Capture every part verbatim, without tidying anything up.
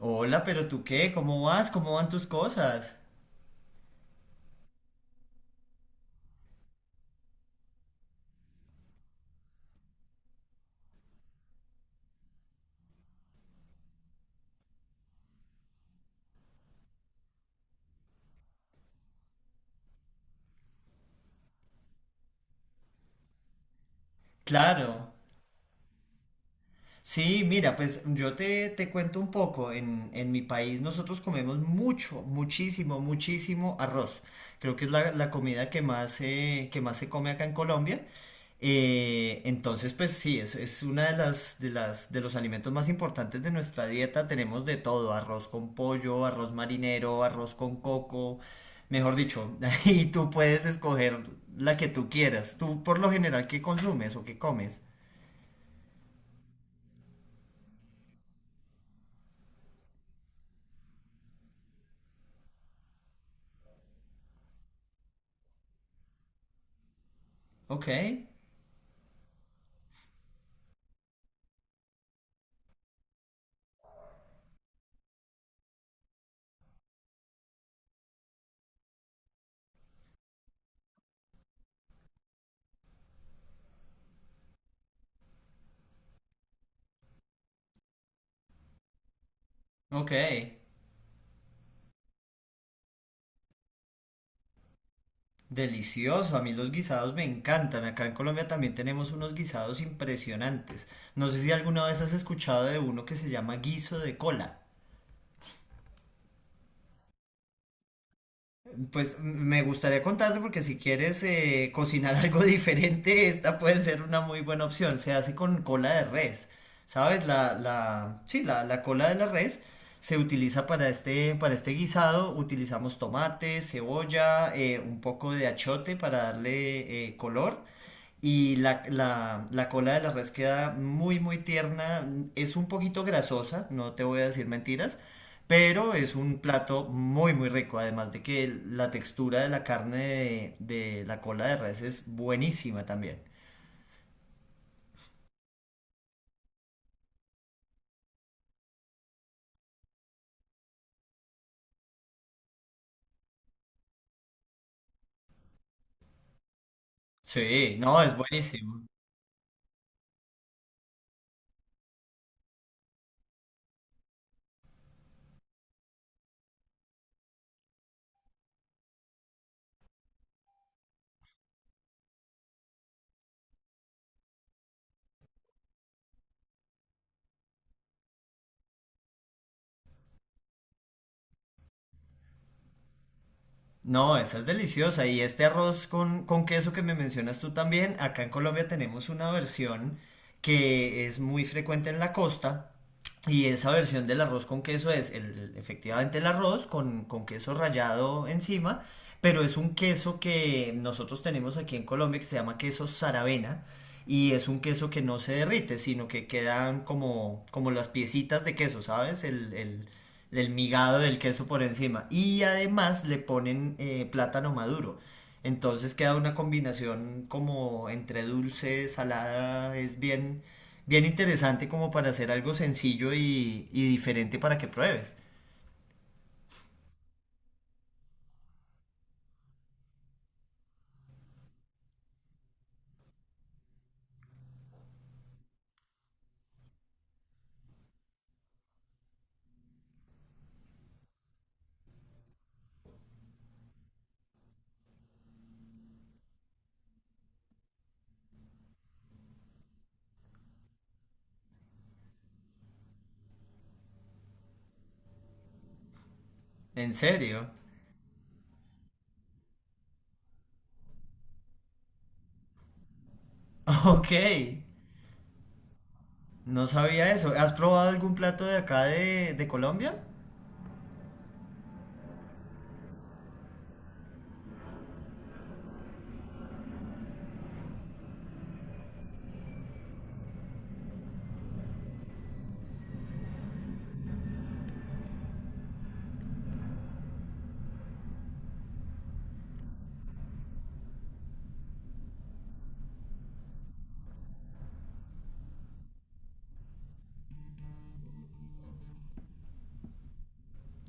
Hola, pero tú qué, ¿cómo vas? ¿Cómo van tus cosas? Claro. Sí, mira, pues yo te, te cuento un poco. En, en mi país nosotros comemos mucho, muchísimo, muchísimo arroz. Creo que es la, la comida que más, eh, que más se come acá en Colombia. Eh, entonces, pues sí, es, es una de las, de las, de los alimentos más importantes de nuestra dieta. Tenemos de todo, arroz con pollo, arroz marinero, arroz con coco. Mejor dicho, y tú puedes escoger la que tú quieras. Tú, por lo general, ¿qué consumes o qué comes? Ok, ok. Delicioso, a mí los guisados me encantan. Acá en Colombia también tenemos unos guisados impresionantes. No sé si alguna vez has escuchado de uno que se llama guiso de cola. Pues m- me gustaría contarte porque si quieres eh, cocinar algo diferente, esta puede ser una muy buena opción. Se hace con cola de res. ¿Sabes? La, la, sí, la, la cola de la res se utiliza para este, para este guisado. Utilizamos tomate, cebolla, eh, un poco de achote para darle eh, color. Y la, la, la cola de la res queda muy, muy tierna. Es un poquito grasosa, no te voy a decir mentiras, pero es un plato muy, muy rico. Además de que la textura de la carne de, de la cola de res es buenísima también. Sí, no, es buenísimo. No, esa es deliciosa. Y este arroz con, con queso que me mencionas tú también, acá en Colombia tenemos una versión que es muy frecuente en la costa. Y esa versión del arroz con queso es el, efectivamente el arroz con, con queso rallado encima, pero es un queso que nosotros tenemos aquí en Colombia que se llama queso saravena y es un queso que no se derrite, sino que quedan como, como las piecitas de queso, ¿sabes? El, el, el, migado del queso por encima. Y además le ponen eh, plátano maduro. Entonces queda una combinación como entre dulce, salada, es bien, bien interesante como para hacer algo sencillo y, y diferente para que pruebes. ¿En serio? Ok, no sabía eso. ¿Has probado algún plato de acá de, de Colombia?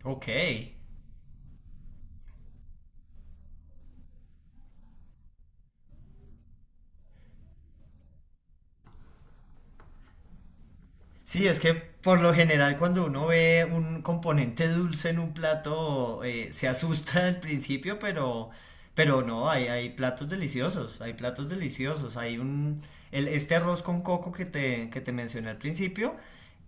Ok. Sí, es que por lo general cuando uno ve un componente dulce en un plato eh, se asusta al principio, pero, pero no, hay, hay platos deliciosos, hay platos deliciosos, hay un, el- este arroz con coco que te, que te mencioné al principio,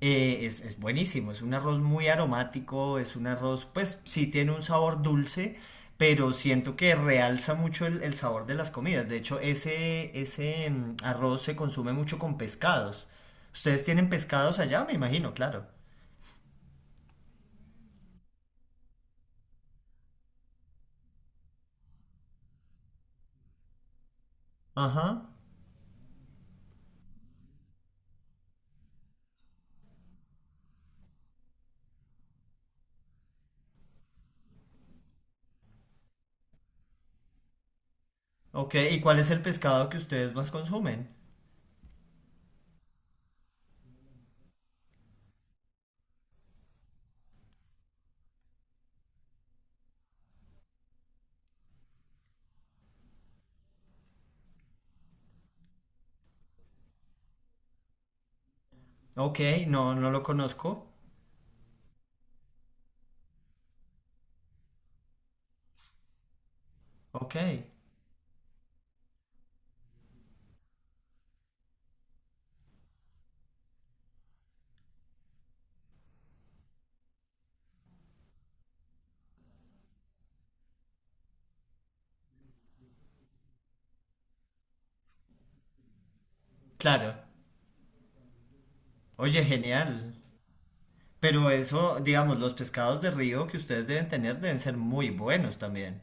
eh, es, es buenísimo, es un arroz muy aromático, es un arroz, pues sí tiene un sabor dulce, pero siento que realza mucho el, el sabor de las comidas. De hecho, ese, ese mm, arroz se consume mucho con pescados. Ustedes tienen pescados allá, me imagino, claro. Ajá. Ok, ¿y cuál es el pescado que ustedes más consumen? Ok, no, no lo conozco. Ok, claro. Oye, genial. Pero eso, digamos, los pescados de río que ustedes deben tener deben ser muy buenos también.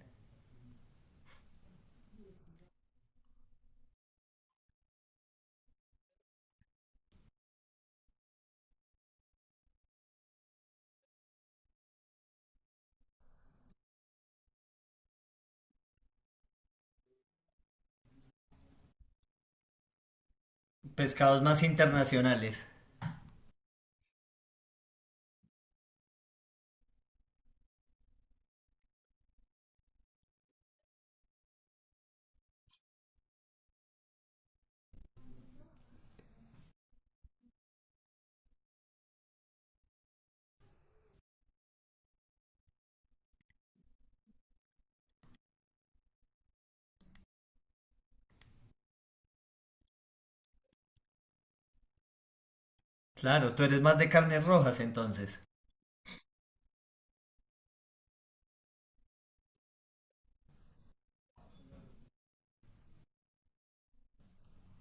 Pescados más internacionales. Claro, tú eres más de carnes rojas entonces.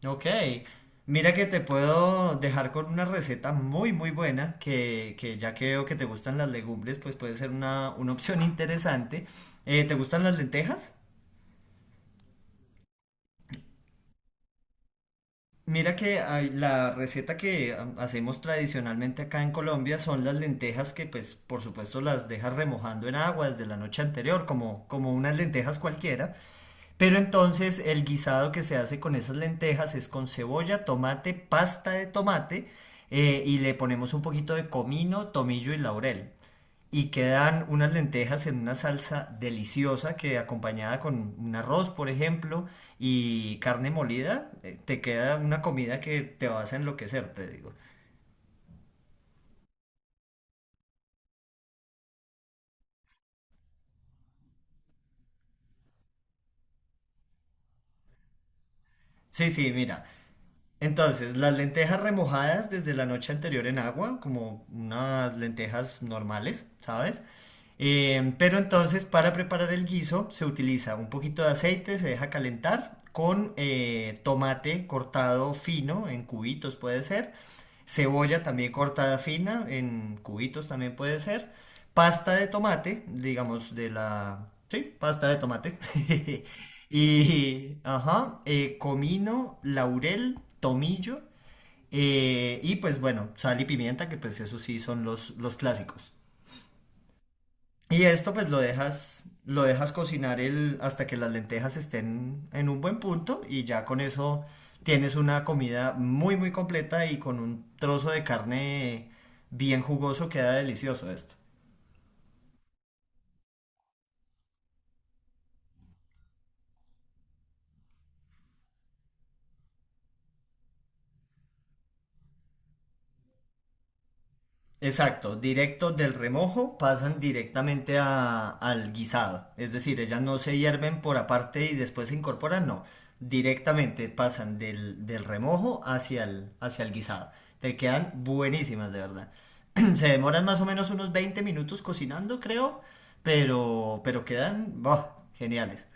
Ok, mira que te puedo dejar con una receta muy muy buena que, que ya que veo que te gustan las legumbres, pues puede ser una, una opción interesante. Eh, ¿te gustan las lentejas? Mira que hay- la receta que ha- hacemos tradicionalmente acá en Colombia son las lentejas que pues por supuesto las dejas remojando en agua desde la noche anterior, como, como unas lentejas cualquiera. Pero entonces el guisado que se hace con esas lentejas es con cebolla, tomate, pasta de tomate, eh, y le ponemos un poquito de comino, tomillo y laurel. Y quedan unas lentejas en una salsa deliciosa que acompañada con un arroz, por ejemplo, y carne molida, eh, te queda una comida que te vas a enloquecer, te digo. Sí, sí, mira. Entonces, las lentejas remojadas desde la noche anterior en agua, como unas lentejas normales, ¿sabes? Eh, pero entonces para preparar el guiso se utiliza un poquito de aceite, se deja calentar con eh, tomate cortado fino en cubitos puede ser. Cebolla también cortada fina, en cubitos también puede ser. Pasta de tomate, digamos de la... Sí, pasta de tomate. Y, ajá, eh, comino, laurel, tomillo, eh, y pues bueno, sal y pimienta, que pues eso sí son los, los clásicos. Y esto pues lo dejas, lo dejas cocinar el, hasta que las lentejas estén en un buen punto y ya con eso tienes una comida muy muy completa y con un trozo de carne bien jugoso queda delicioso esto. Exacto, directo del remojo pasan directamente a- al guisado. Es decir, ellas no se hierven por aparte y después se incorporan, no. Directamente pasan del, del remojo hacia el, hacia el guisado. Te quedan buenísimas, de verdad. Se demoran más o menos unos veinte minutos cocinando, creo, pero, pero quedan, ¡buah, geniales!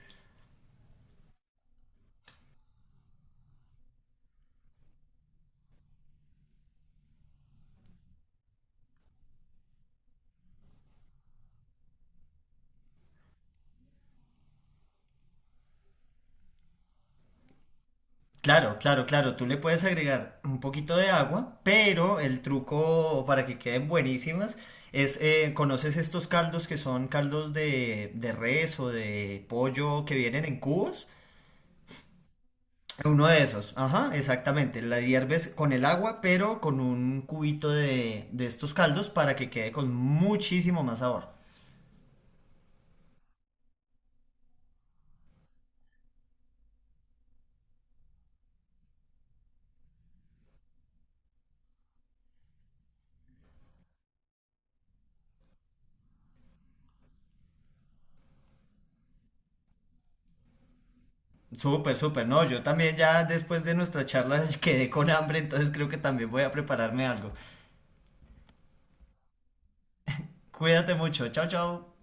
Claro, claro, claro. Tú le puedes agregar un poquito de agua, pero el truco para que queden buenísimas es, eh, ¿conoces estos caldos que son caldos de, de res o de pollo que vienen en cubos? Uno de esos, ajá, exactamente. La hierves con el agua, pero con un cubito de, de estos caldos para que quede con muchísimo más sabor. Súper, súper. No, yo también ya después de nuestra charla quedé con hambre, entonces creo que también voy a prepararme algo. Cuídate mucho. Chao, chao.